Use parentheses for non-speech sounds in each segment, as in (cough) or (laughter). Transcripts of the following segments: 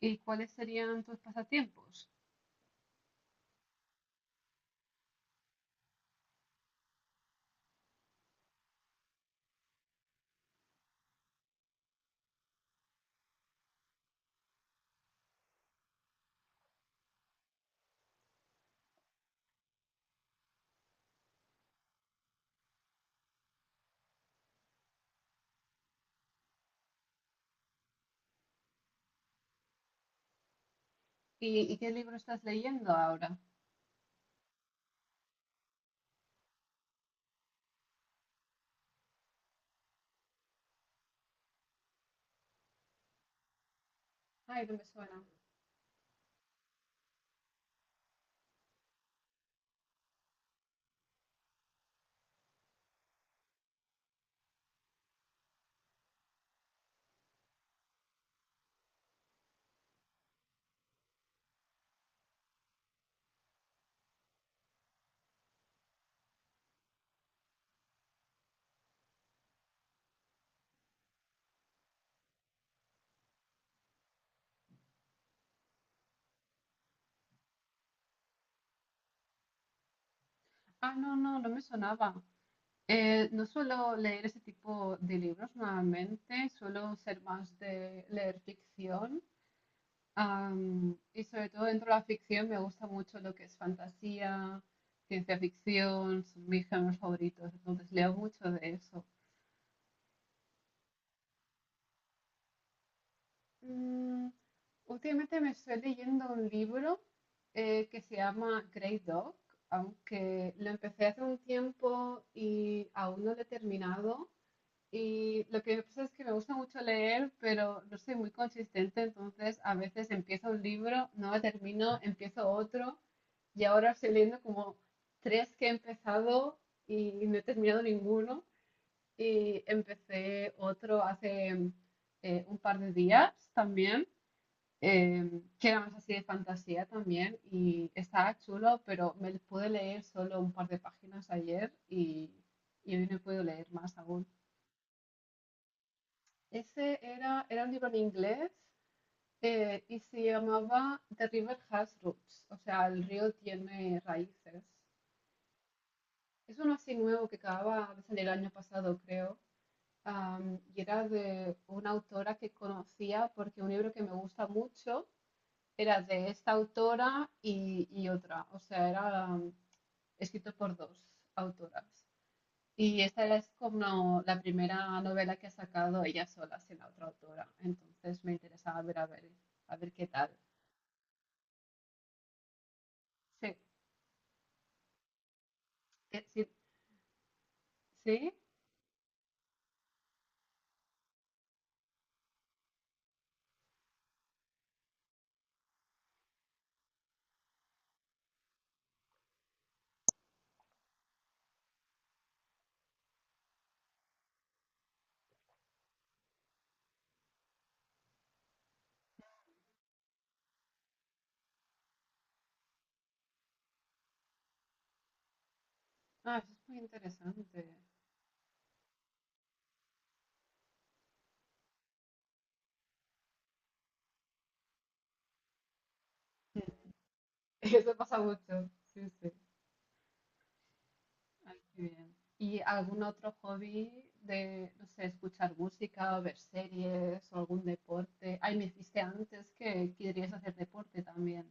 ¿Y cuáles serían tus pasatiempos? ¿Y qué libro estás leyendo ahora? Ay, no me suena. Ah, no, no, no me sonaba. No suelo leer ese tipo de libros normalmente, suelo ser más de leer ficción. Y sobre todo dentro de la ficción me gusta mucho lo que es fantasía, ciencia ficción, son mis géneros favoritos, entonces leo mucho de eso. Mm, últimamente me estoy leyendo un libro que se llama Grey Dog, aunque lo empecé hace un tiempo y aún no lo he terminado. Y lo que pasa es que me gusta mucho leer, pero no soy muy consistente, entonces a veces empiezo un libro, no lo termino, empiezo otro y ahora estoy leyendo como tres que he empezado y no he terminado ninguno. Y empecé otro hace un par de días también eh, que era más así de fantasía también y estaba chulo, pero me pude leer solo un par de páginas ayer y hoy no he podido leer más aún. Ese era un libro en inglés y se llamaba The River Has Roots, o sea, el río tiene raíces. Es uno así nuevo que acababa de salir el año pasado, creo. Y era de una autora que conocía porque un libro que me gusta mucho era de esta autora y otra, o sea, era escrito por dos autoras. Y esta es como la primera novela que ha sacado ella sola sin la otra autora, entonces me interesaba ver a ver, a ver qué tal. Sí, sí, sí, ah, eso es muy interesante. (laughs) Eso pasa mucho, sí, sí. Ay, qué bien. ¿Y algún otro hobby de, no sé, escuchar música o ver series o algún deporte? Ay, me dijiste antes que querías hacer deporte también.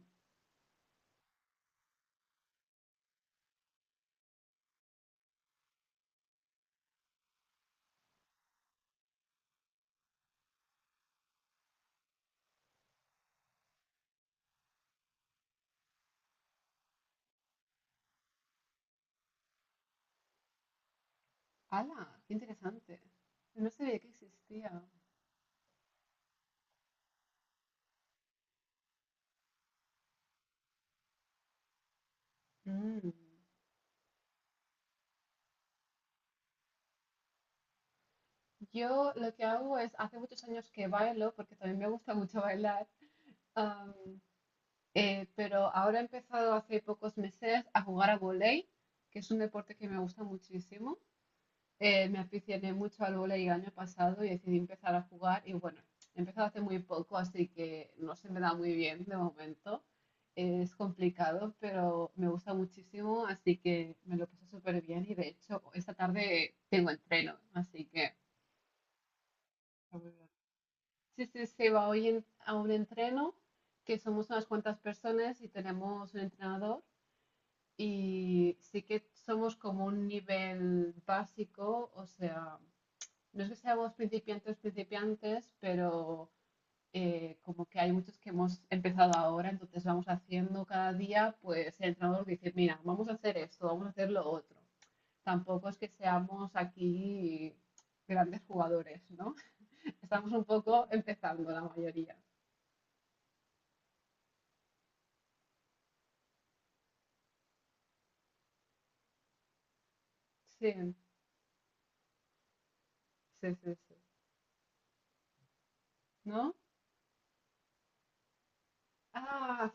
¡Hala! ¡Qué interesante! No sabía que existía. Mm. Yo lo que hago es, hace muchos años que bailo, porque también me gusta mucho bailar, am, pero ahora he empezado hace pocos meses a jugar a volei, que es un deporte que me gusta muchísimo. Me aficioné mucho al vóley el año pasado y decidí empezar a jugar y bueno, he empezado hace muy poco, así que no se me da muy bien de momento. Es complicado, pero me gusta muchísimo, así que me lo paso súper bien y de hecho esta tarde tengo entreno, así que sí, sí, se va hoy a un entreno que somos unas cuantas personas y tenemos un entrenador y sí que somos como un nivel básico, o sea, no es que seamos principiantes, principiantes, pero como que hay muchos que hemos empezado ahora, entonces vamos haciendo cada día, pues el entrenador dice, mira, vamos a hacer esto, vamos a hacer lo otro. Tampoco es que seamos aquí grandes jugadores, ¿no? (laughs) Estamos un poco empezando la mayoría. Sí, sí, sí, sí. ¿No? Ah,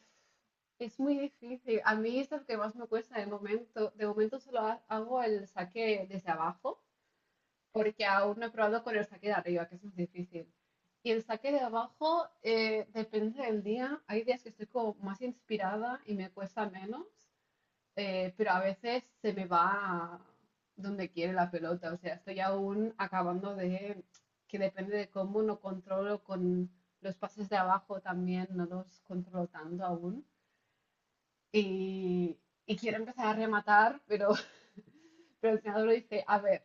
es muy difícil. A mí es lo que más me cuesta de momento. De momento solo hago el saque desde abajo porque aún no he probado con el saque de arriba, que es más difícil. Y el saque de abajo, depende del día. Hay días que estoy como más inspirada y me cuesta menos, pero a veces se me va donde quiere la pelota. O sea, estoy aún acabando de que depende de cómo no controlo con los pases de abajo también, no los controlo tanto aún. Y, y quiero empezar a rematar, pero, (laughs) pero el entrenador dice, a ver,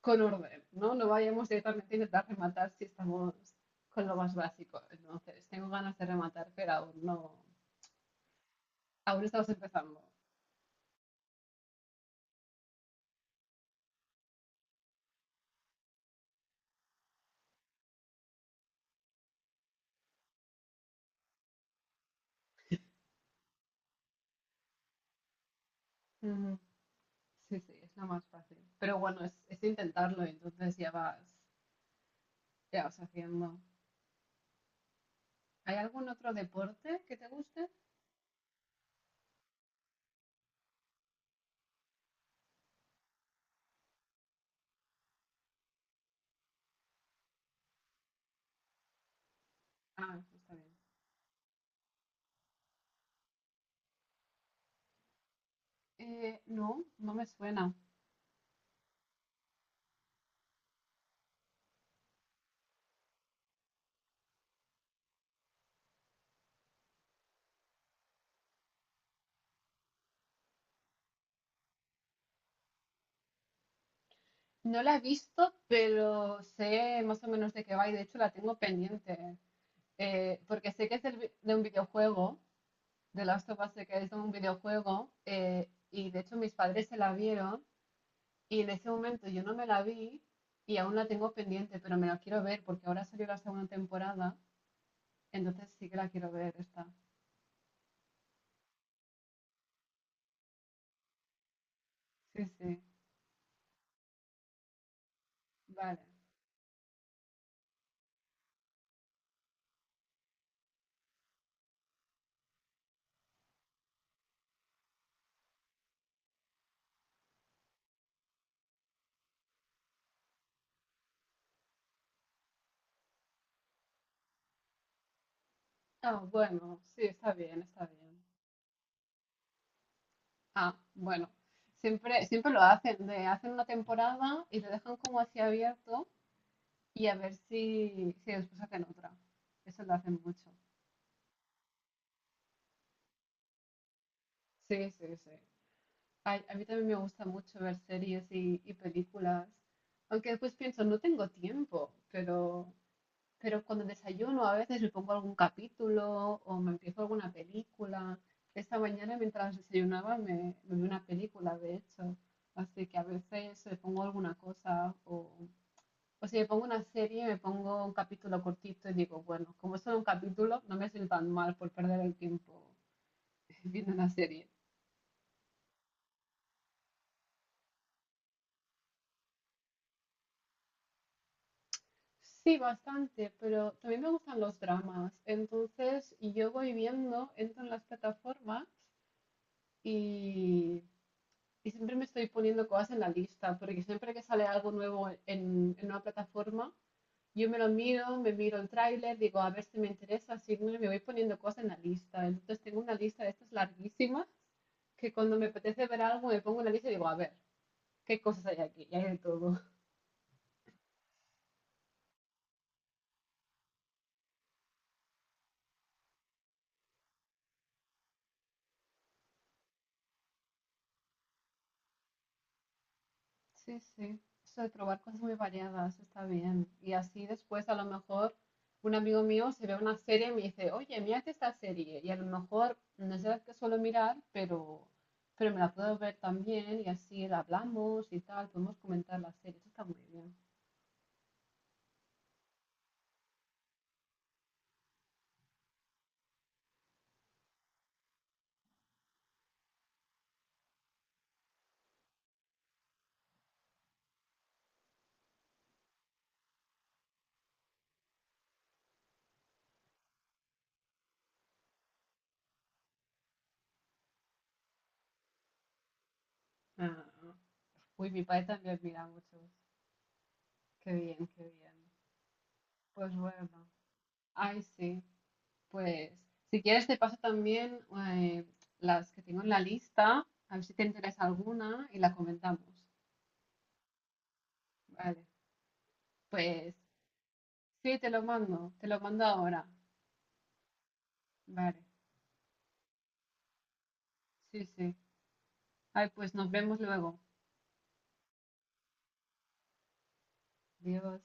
con orden, ¿no? No vayamos directamente a intentar rematar si estamos con lo más básico. Entonces, tengo ganas de rematar, pero aún no, aún estamos empezando. Ujú. Sí, sí, es lo más fácil. Pero bueno, es intentarlo, entonces ya vas haciendo. ¿Hay algún otro deporte que te guste? Ah, eso está bien. No, no me suena. No la he visto, pero sé más o menos de qué va y de hecho la tengo pendiente. Porque sé que es de un videojuego The Last of Us que es un videojuego y de hecho mis padres se la vieron y en ese momento yo no me la vi y aún la tengo pendiente, pero me la quiero ver porque ahora salió la segunda temporada, entonces sí que la quiero ver esta. Sí, sí, vale. Ah, bueno, sí, está bien, está bien. Ah, bueno, siempre, siempre lo hacen, de hacen una temporada y lo dejan como así abierto y a ver si, si después hacen otra. Eso lo hacen mucho. Sí, sí, sí. Ay, a mí también me gusta mucho ver series y películas, aunque después pienso, no tengo tiempo, pero cuando desayuno a veces me pongo algún capítulo o me empiezo alguna película. Esta mañana mientras desayunaba me, me vi una película, de hecho, así que a veces me pongo alguna cosa o si me pongo una serie, me pongo un capítulo cortito y digo, bueno, como es solo un capítulo, no me siento tan mal por perder el tiempo (laughs) viendo una serie. Sí, bastante, pero también me gustan los dramas. Entonces, yo voy viendo, entro en las plataformas y, y siempre me estoy poniendo cosas en la lista, porque siempre que sale algo nuevo en una plataforma, yo me lo miro, me miro el tráiler, digo, a ver si me interesa, si no, me voy poniendo cosas en la lista. Entonces, tengo una lista de estas larguísimas que cuando me apetece ver algo, me pongo en la lista y digo, a ver, ¿qué cosas hay aquí? Y hay de todo. Sí, sí. Eso de probar cosas muy variadas está bien. Y así después a lo mejor un amigo mío se ve una serie y me dice, oye, mírate esta serie. Y a lo mejor no es de las que suelo mirar, pero me la puedo ver también y así la hablamos y tal, podemos comentar la serie. Eso está muy bien. Ah, uy, mi padre también mira mucho. Qué bien, qué bien. Pues bueno. Ay, sí. Pues si quieres te paso también eh, las que tengo en la lista, a ver si te interesa alguna y la comentamos. Vale, pues sí, te lo mando ahora. Vale, sí, sí. Ay, pues nos vemos luego. Adiós.